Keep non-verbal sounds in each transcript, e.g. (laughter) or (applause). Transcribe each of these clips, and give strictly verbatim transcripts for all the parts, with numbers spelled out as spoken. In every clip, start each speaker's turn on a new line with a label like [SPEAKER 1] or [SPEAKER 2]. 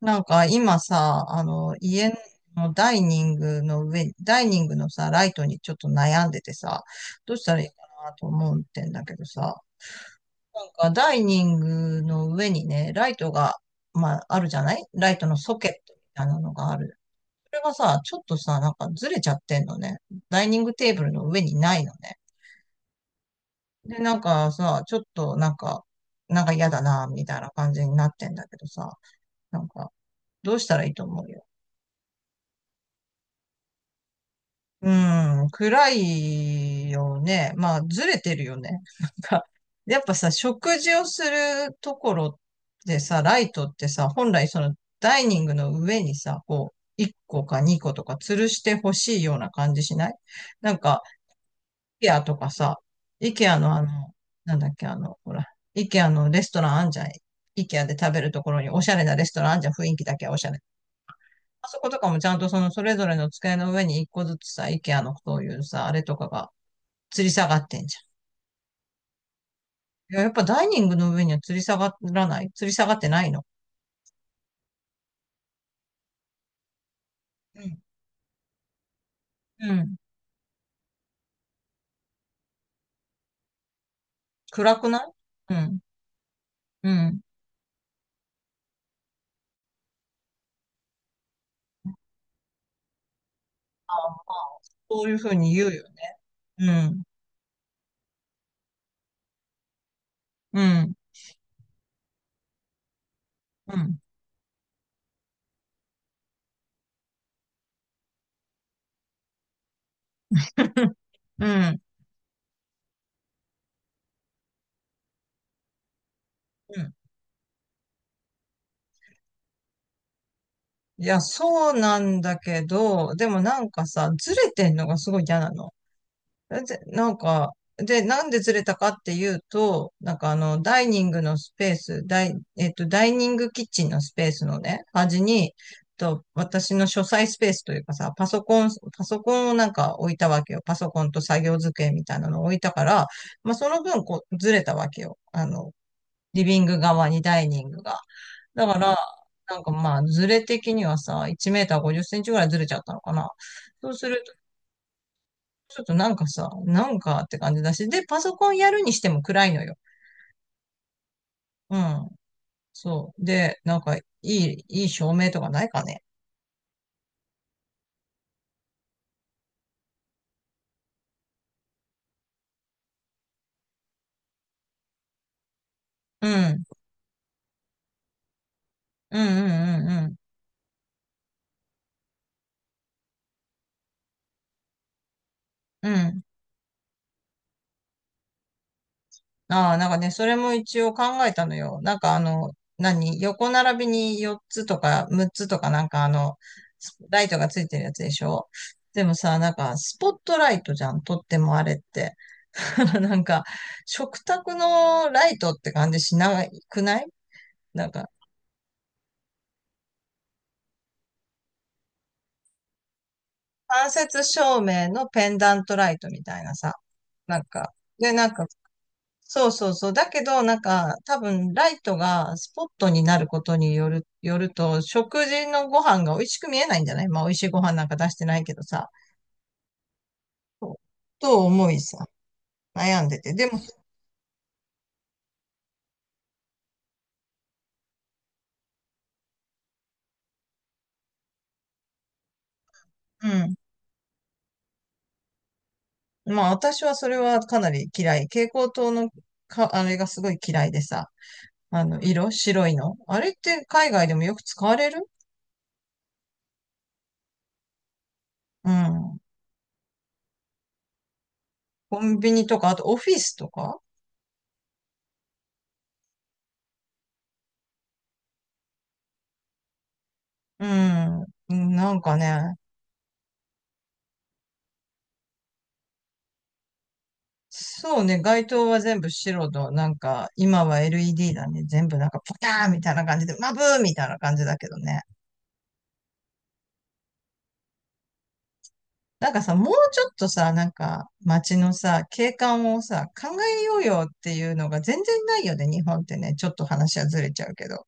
[SPEAKER 1] なんか今さ、あの、家のダイニングの上ダイニングのさ、ライトにちょっと悩んでてさ、どうしたらいいかなと思ってんだけどさ、なんかダイニングの上にね、ライトが、まあ、あるじゃない？ライトのソケットみたいなのがある。それがさ、ちょっとさ、なんかずれちゃってんのね。ダイニングテーブルの上にないのね。で、なんかさ、ちょっとなんか、なんか嫌だな、みたいな感じになってんだけどさ、なんか、どうしたらいいと思う？よ。うん、暗いよね。まあ、ずれてるよね。(laughs) なんか、やっぱさ、食事をするところでさ、ライトってさ、本来そのダイニングの上にさ、こう、いっこかにことか吊るしてほしいような感じしない？なんか、イケアとかさ、イケアのあの、なんだっけ、あの、ほら、イケアのレストランあんじゃん。イケアで食べるところにおしゃれなレストランあんじゃん。雰囲気だけはおしゃれ。あそことかもちゃんとそのそれぞれの机の上にいっこずつさ、IKEA のそういうさ、あれとかが吊り下がってんじゃん。いや、やっぱダイニングの上には吊り下がらない吊り下がってないの？うん。うん。暗くない？うん。うん。あまあ、そういうふうに言うよね。うん。うん。うん。うん。うん。いや、そうなんだけど、でもなんかさ、ずれてんのがすごい嫌なの。で、なんか、で、なんでずれたかっていうと、なんかあの、ダイニングのスペース、ダイ、えっと、ダイニングキッチンのスペースのね、端に、えっと、私の書斎スペースというかさ、パソコン、パソコンをなんか置いたわけよ。パソコンと作業机みたいなのを置いたから、まあ、その分、こう、ずれたわけよ。あの、リビング側にダイニングが。だから、なんかまあ、ずれ的にはさ、いちメーターごじゅっセンチぐらいずれちゃったのかな。そうするちょっとなんかさ、なんかって感じだし、で、パソコンやるにしても暗いのよ。うん。そう。で、なんか、いい、いい照明とかないかね。うん。うんうんうんうん。うん。ああ、なんかね、それも一応考えたのよ。なんかあの、何横並びによっつとかむっつとかなんかあの、ライトがついてるやつでしょ？でもさ、なんか、スポットライトじゃん。とってもあれって。(laughs) なんか、食卓のライトって感じしなくない？なんか、間接照明のペンダントライトみたいなさ、なんか、で、なんか、そうそうそう。だけど、なんか、多分、ライトがスポットになることによる、よると、食事のご飯が美味しく見えないんじゃない？まあ、美味しいご飯なんか出してないけどさ。そうと思いさ、悩んでて。でも、うん。まあ、私はそれはかなり嫌い。蛍光灯のか、あれがすごい嫌いでさ。あの、色白いの。あれって海外でもよく使われる？うん。コンビニとか、あとオフィスとか？うん。うんなんかね、そうね、街灯は全部白と、なんか、今は エルイーディー だね。全部なんか、ポターンみたいな感じで、マブーみたいな感じだけどね。なんかさ、もうちょっとさ、なんか、街のさ、景観をさ、考えようよっていうのが全然ないよね、日本ってね。ちょっと話はずれちゃうけど。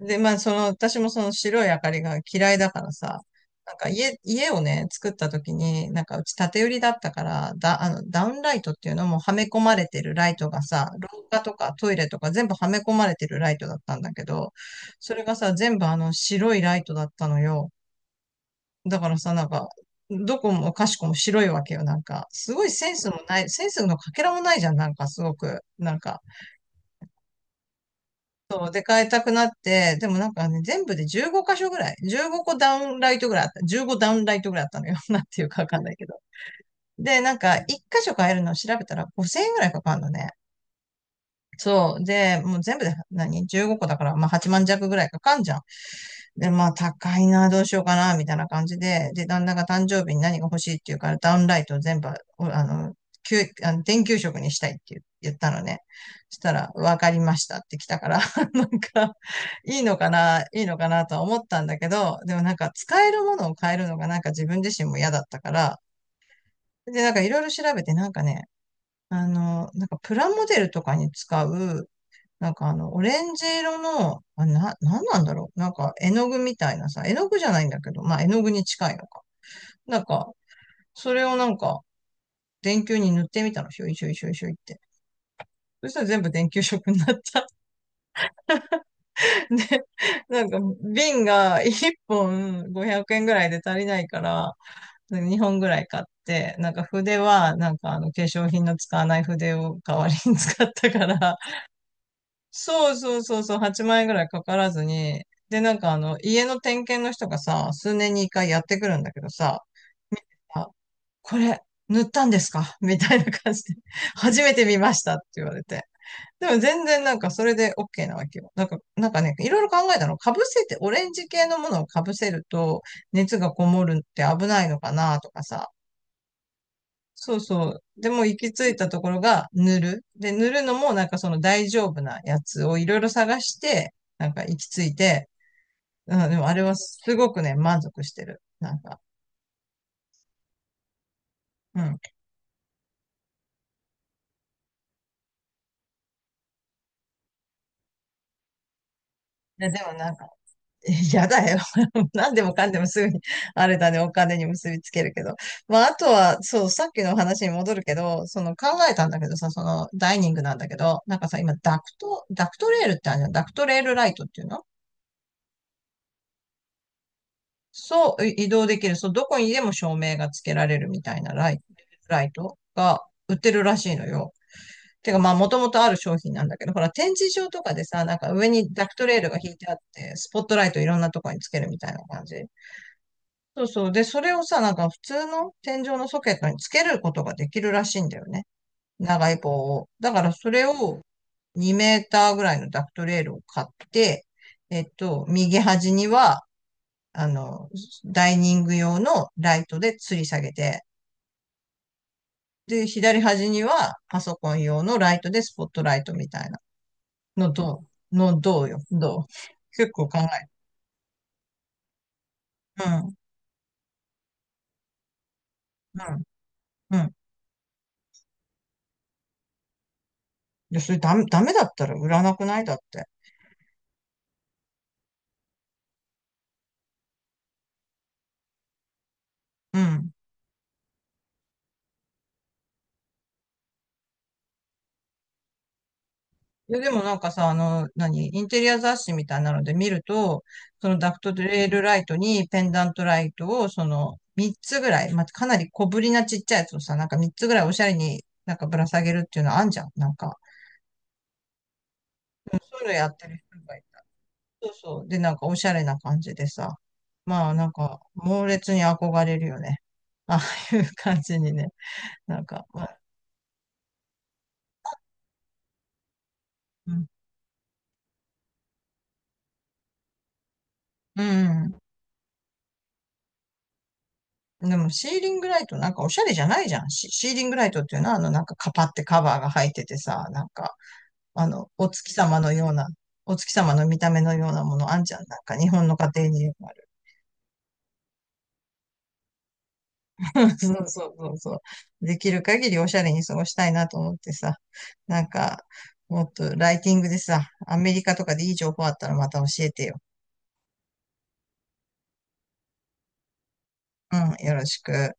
[SPEAKER 1] で、まあ、その、私もその白い明かりが嫌いだからさ、なんか家、家をね、作った時に、なんかうち縦売りだったから、だ、あの、ダウンライトっていうのもはめ込まれてるライトがさ、廊下とかトイレとか全部はめ込まれてるライトだったんだけど、それがさ、全部あの白いライトだったのよ。だからさ、なんか、どこもかしこも白いわけよ、なんか。すごいセンスもない、センスのかけらもないじゃん、なんかすごく。なんか、そう、で、変えたくなって、でもなんかね、全部でじゅうご箇所ぐらい、じゅうごこダウンライトぐらいあった、じゅうごダウンライトぐらいあったのよ。(laughs) なんていうかわかんないけど。で、なんか、いっ箇所変えるのを調べたらごせんえんぐらいかかるのね。そう。で、もう全部で何？ じゅうご 個だから、まあはちまん弱ぐらいかかんじゃん。で、まあ、高いな、どうしようかな、みたいな感じで、で、旦那が誕生日に何が欲しいって言うから、ダウンライトを全部、おあの、きゅあの電球色にしたいって言言ったのね。そしたら、わかりましたって来たから、(laughs) なんか、いいのかな、いいのかなとは思ったんだけど、でもなんか、使えるものを変えるのがなんか自分自身も嫌だったから、で、なんかいろいろ調べて、なんかね、あの、なんかプラモデルとかに使う、なんかあの、オレンジ色の、あ、な、なんなんだろう。なんか絵の具みたいなさ、絵の具じゃないんだけど、まあ絵の具に近いのか。なんか、それをなんか、電球に塗ってみたの、しょいしょいしょいしょいって。そしたら全部電球色になった。(laughs) で、なんか瓶がいっぽんごひゃくえんぐらいで足りないから、にほんぐらい買って、なんか筆は、なんかあの化粧品の使わない筆を代わりに使ったから、そうそうそうそう、はちまん円ぐらいかからずに、で、なんかあの、家の点検の人がさ、数年にいっかいやってくるんだけどさ、見てあ、これ、塗ったんですか？ (laughs) みたいな感じで、(laughs) 初めて見ましたって言われて。でも全然なんかそれで OK なわけよ。なんか、なんかね、いろいろ考えたの。被せて、オレンジ系のものを被せると熱がこもるって危ないのかなとかさ、そうそう。でもう行き着いたところが塗る。で、塗るのもなんかその大丈夫なやつをいろいろ探して、なんか行き着いて、うん、でもあれはすごくね、満足してる。なんか、うん。で、でもなんか、えやだよ。(laughs) 何でもかんでもすぐに、あれだね、お金に結びつけるけど。まあ、あとは、そう、さっきの話に戻るけど、その考えたんだけどさ、そのダイニングなんだけど、なんかさ、今、ダクト、ダクトレールってあるじゃん。ダクトレールライトっていうの？そう、い移動できる。そう、どこにでも照明がつけられるみたいなライ、ライトが売ってるらしいのよ。てか、まあ、もともとある商品なんだけど、ほら、展示場とかでさ、なんか上にダクトレールが引いてあって、スポットライトいろんなとこにつけるみたいな感じ。そうそう。で、それをさ、なんか普通の天井のソケットにつけることができるらしいんだよね。長い棒を。だから、それをにメーターぐらいのダクトレールを買って、えっと、右端には、あの、ダイニング用のライトで吊り下げて、で、左端にはパソコン用のライトでスポットライトみたいなのどう？のどうよ？どう？結構考える。うん、うん、うん。いや、それダメ、ダメだったら売らなくないだって。うん。いや、でもなんかさ、あの、何インテリア雑誌みたいなので見ると、そのダクトレールライトにペンダントライトを、その、みっつぐらい、まあ、かなり小ぶりなちっちゃいやつをさ、なんかみっつぐらいおしゃれになんかぶら下げるっていうのあんじゃん。なんか、そういうのやってる人がいた。そうそう。で、なんかおしゃれな感じでさ。まあなんか猛烈に憧れるよね。ああいう感じにね。なんか、まあ、うん。うん。でもシーリングライトなんかおしゃれじゃないじゃん。シ、シーリングライトっていうのはあのなんかカパってカバーが入っててさ、なんかあのお月様のような、お月様の見た目のようなものあんじゃん。なんか日本の家庭に。 (laughs) そうそうそうそう。できる限りおしゃれに過ごしたいなと思ってさ。なんか、もっとライティングでさ、アメリカとかでいい情報あったらまた教えてよ。うん、よろしく。